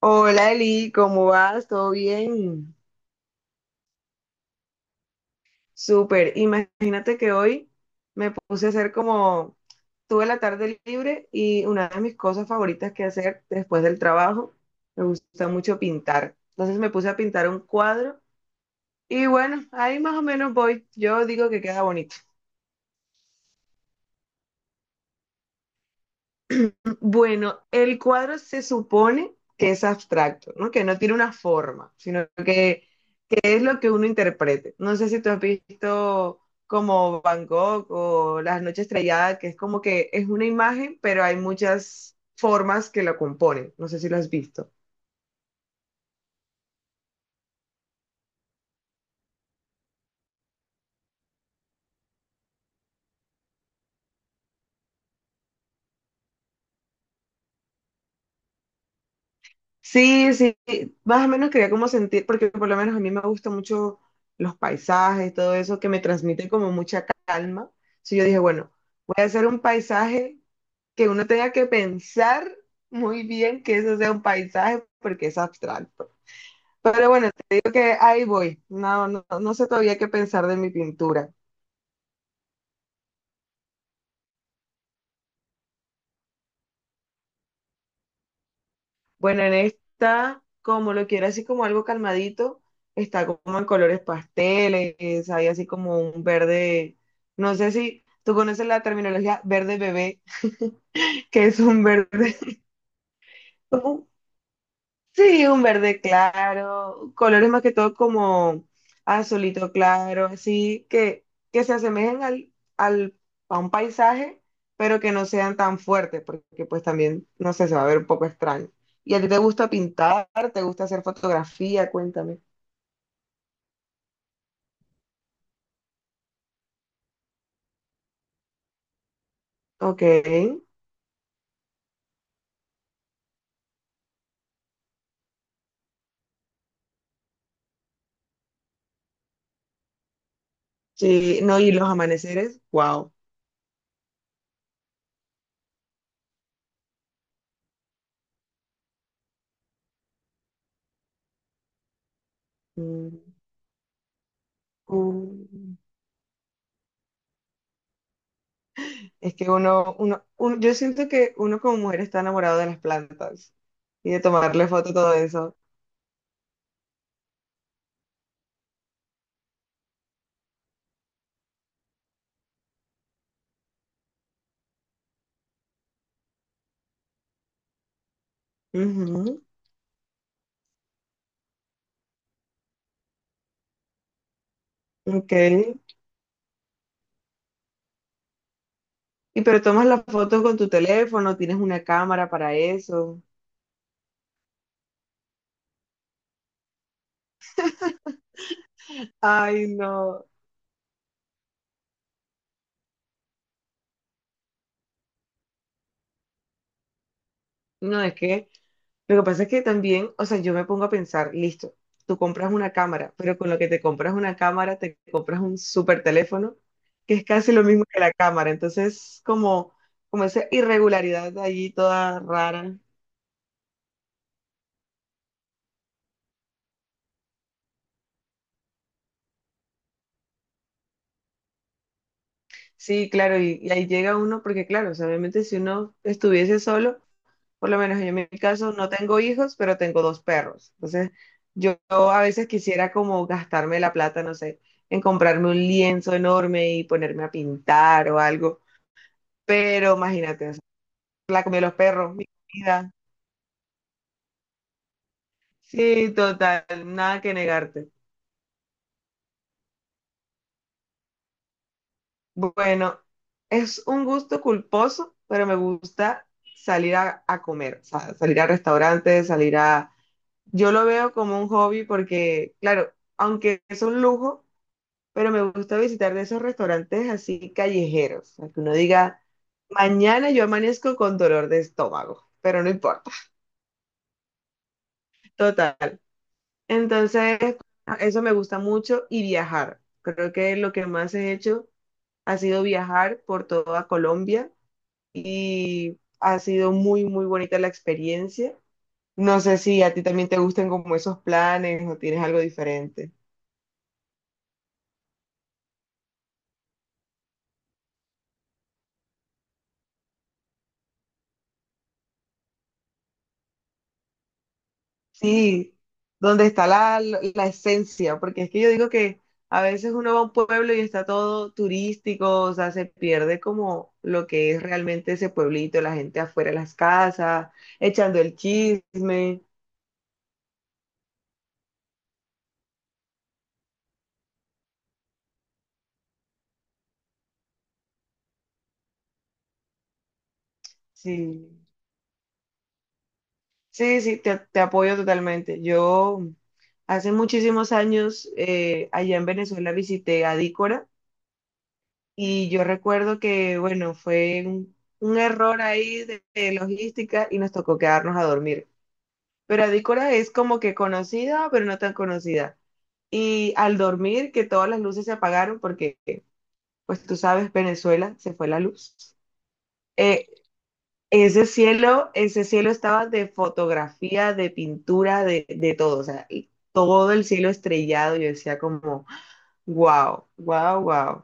Hola Eli, ¿cómo vas? ¿Todo bien? Súper. Imagínate que hoy me puse a hacer como, tuve la tarde libre y una de mis cosas favoritas que hacer después del trabajo, me gusta mucho pintar. Entonces me puse a pintar un cuadro y bueno, ahí más o menos voy. Yo digo que queda bonito. Bueno, el cuadro se supone que es abstracto, ¿no? Que no tiene una forma, sino que es lo que uno interprete. No sé si tú has visto como Bangkok o Las Noches Estrelladas, que es como que es una imagen, pero hay muchas formas que la componen. No sé si lo has visto. Sí, sí, más o menos quería como sentir, porque por lo menos a mí me gustan mucho los paisajes, todo eso, que me transmite como mucha calma. Sí, yo dije, bueno, voy a hacer un paisaje que uno tenga que pensar muy bien que eso sea un paisaje, porque es abstracto. Pero bueno, te digo que ahí voy. No, no, no sé todavía qué pensar de mi pintura. Bueno, en esta, como lo quiero así como algo calmadito, está como en colores pasteles, hay así como un verde, no sé si tú conoces la terminología verde bebé, que es un verde, sí, un verde claro, colores más que todo como azulito claro, así que se asemejen al, al, a un paisaje, pero que no sean tan fuertes, porque pues también, no sé, se va a ver un poco extraño. ¿Y a ti te gusta pintar? ¿Te gusta hacer fotografía? Cuéntame. Ok, sí, no, y los amaneceres, wow. Mm, mm. Es que uno, uno, un- yo siento que uno como mujer está enamorado de las plantas y de tomarle foto a todo eso. Ujú, ok. ¿Y pero tomas la foto con tu teléfono, tienes una cámara para eso? Ay, no. No, es que lo que pasa es que también, o sea, yo me pongo a pensar, listo, tú compras una cámara, pero con lo que te compras una cámara, te compras un super teléfono, que es casi lo mismo que la cámara. Entonces, como, como esa irregularidad allí toda rara. Sí, claro, y ahí llega uno, porque claro, o sea, obviamente si uno estuviese solo. Por lo menos yo en mi caso no tengo hijos, pero tengo dos perros. Entonces, yo, a veces quisiera como gastarme la plata, no sé, en comprarme un lienzo enorme y ponerme a pintar o algo. Pero imagínate, o sea, la comida de los perros, mi comida. Sí, total, nada que negarte. Bueno, es un gusto culposo, pero me gusta salir a comer, o sea, salir a restaurantes, salir a... Yo lo veo como un hobby porque, claro, aunque es un lujo, pero me gusta visitar de esos restaurantes así callejeros, a que uno diga, mañana yo amanezco con dolor de estómago, pero no importa, total. Entonces, eso me gusta mucho y viajar. Creo que lo que más he hecho ha sido viajar por toda Colombia y ha sido muy, muy bonita la experiencia. No sé si a ti también te gustan como esos planes o tienes algo diferente. Sí, donde está la esencia, porque es que yo digo que a veces uno va a un pueblo y está todo turístico, o sea, se pierde como lo que es realmente ese pueblito, la gente afuera de las casas, echando el chisme. Sí, sí, sí, te apoyo totalmente. Yo hace muchísimos años allá en Venezuela visité Adícora y yo recuerdo que, bueno, fue un error ahí de logística y nos tocó quedarnos a dormir. Pero Adícora es como que conocida, pero no tan conocida. Y al dormir, que todas las luces se apagaron, porque pues tú sabes, Venezuela se fue la luz. Eh, ese cielo estaba de fotografía, de pintura, de todo. O sea, y todo el cielo estrellado. Yo decía como, wow, wow, wow.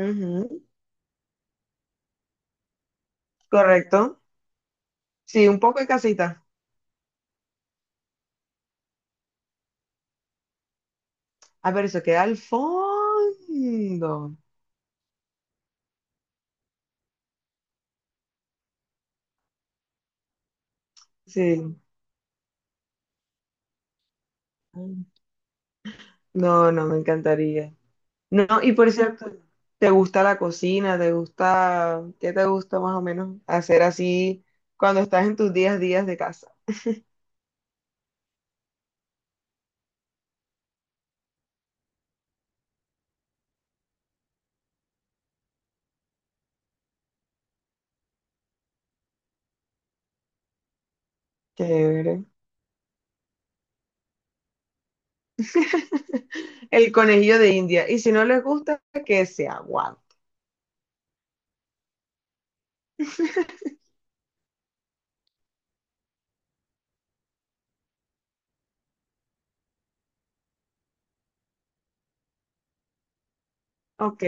Ujú, correcto. Sí, un poco de casita. A ver, eso queda al fondo. Sí. No, no, me encantaría. No, y por cierto, ¿te gusta la cocina? ¿Te gusta, qué te gusta más o menos hacer así cuando estás en tus días días de casa? Chévere. El conejillo de India. Y si no les gusta, que se aguante. Ok.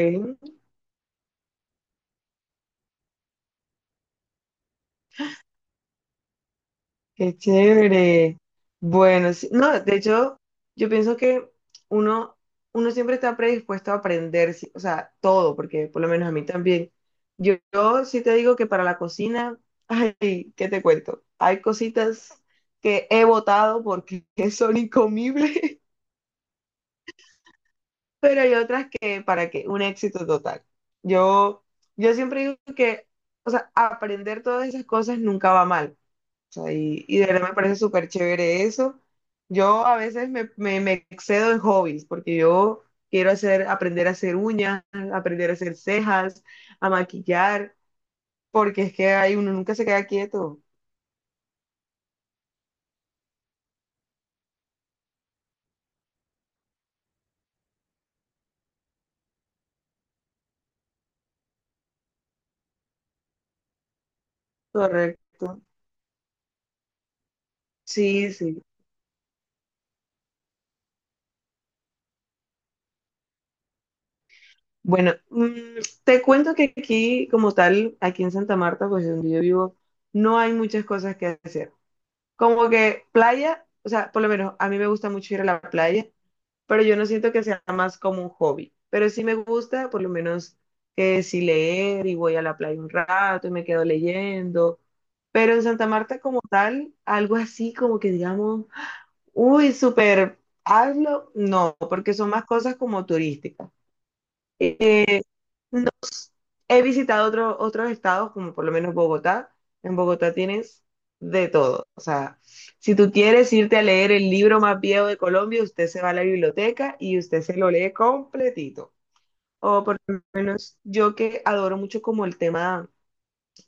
Qué chévere. Bueno, sí- no, de hecho, yo pienso que uno, uno siempre está predispuesto a aprender, sí, o sea, todo, porque por lo menos a mí también. Yo sí te digo que para la cocina, ay, ¿qué te cuento? Hay cositas que he votado porque son incomibles, pero hay otras que para que un éxito total. Yo, yo siempre digo que, o sea, aprender todas esas cosas nunca va mal sea, y de verdad me parece súper chévere eso. Yo a veces me, me- me excedo en hobbies porque yo quiero hacer, aprender a hacer uñas, aprender a hacer cejas, a maquillar, porque es que hay, uno nunca se queda quieto. Correcto. Sí, sí. Bueno, mm, te cuento que aquí, como tal, aquí en Santa Marta, pues donde yo vivo, no hay muchas cosas que hacer. Como que playa, o sea, por lo menos a mí me gusta mucho ir a la playa, pero yo no siento que sea más como un hobby. Pero sí me gusta, por lo menos, que si leer y voy a la playa un rato y me quedo leyendo. Pero en Santa Marta como tal, algo así como que digamos, uy, súper, hazlo, no, porque son más cosas como turísticas. Eh, He visitado otro- otros estados, como por lo menos Bogotá. En Bogotá tienes de todo. O sea, si tú quieres irte a leer el libro más viejo de Colombia, usted se va a la biblioteca y usted se lo lee completito. O por lo menos yo que adoro mucho como el tema,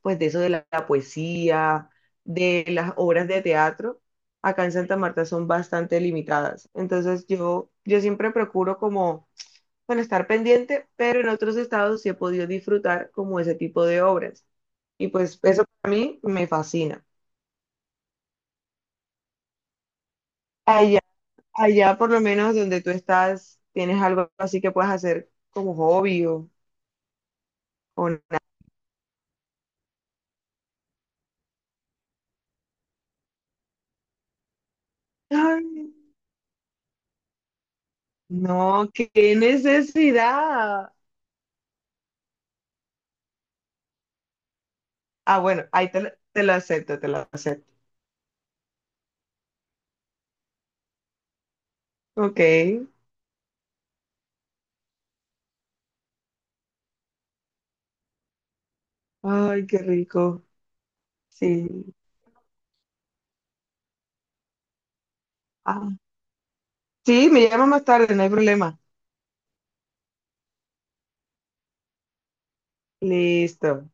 pues de eso de la, la poesía, de las obras de teatro, acá en Santa Marta son bastante limitadas. Entonces yo siempre procuro como bueno, estar pendiente, pero en otros estados sí he podido disfrutar como ese tipo de obras. Y pues eso para mí me fascina. Allá, allá por lo menos donde tú estás, ¿tienes algo así que puedas hacer como hobby o nada? Ay, no, qué necesidad. Ah, bueno, ahí te lo acepto, te lo acepto. Ok. Ay, qué rico. Sí. Ah, sí, me llama más tarde, no hay problema. Listo.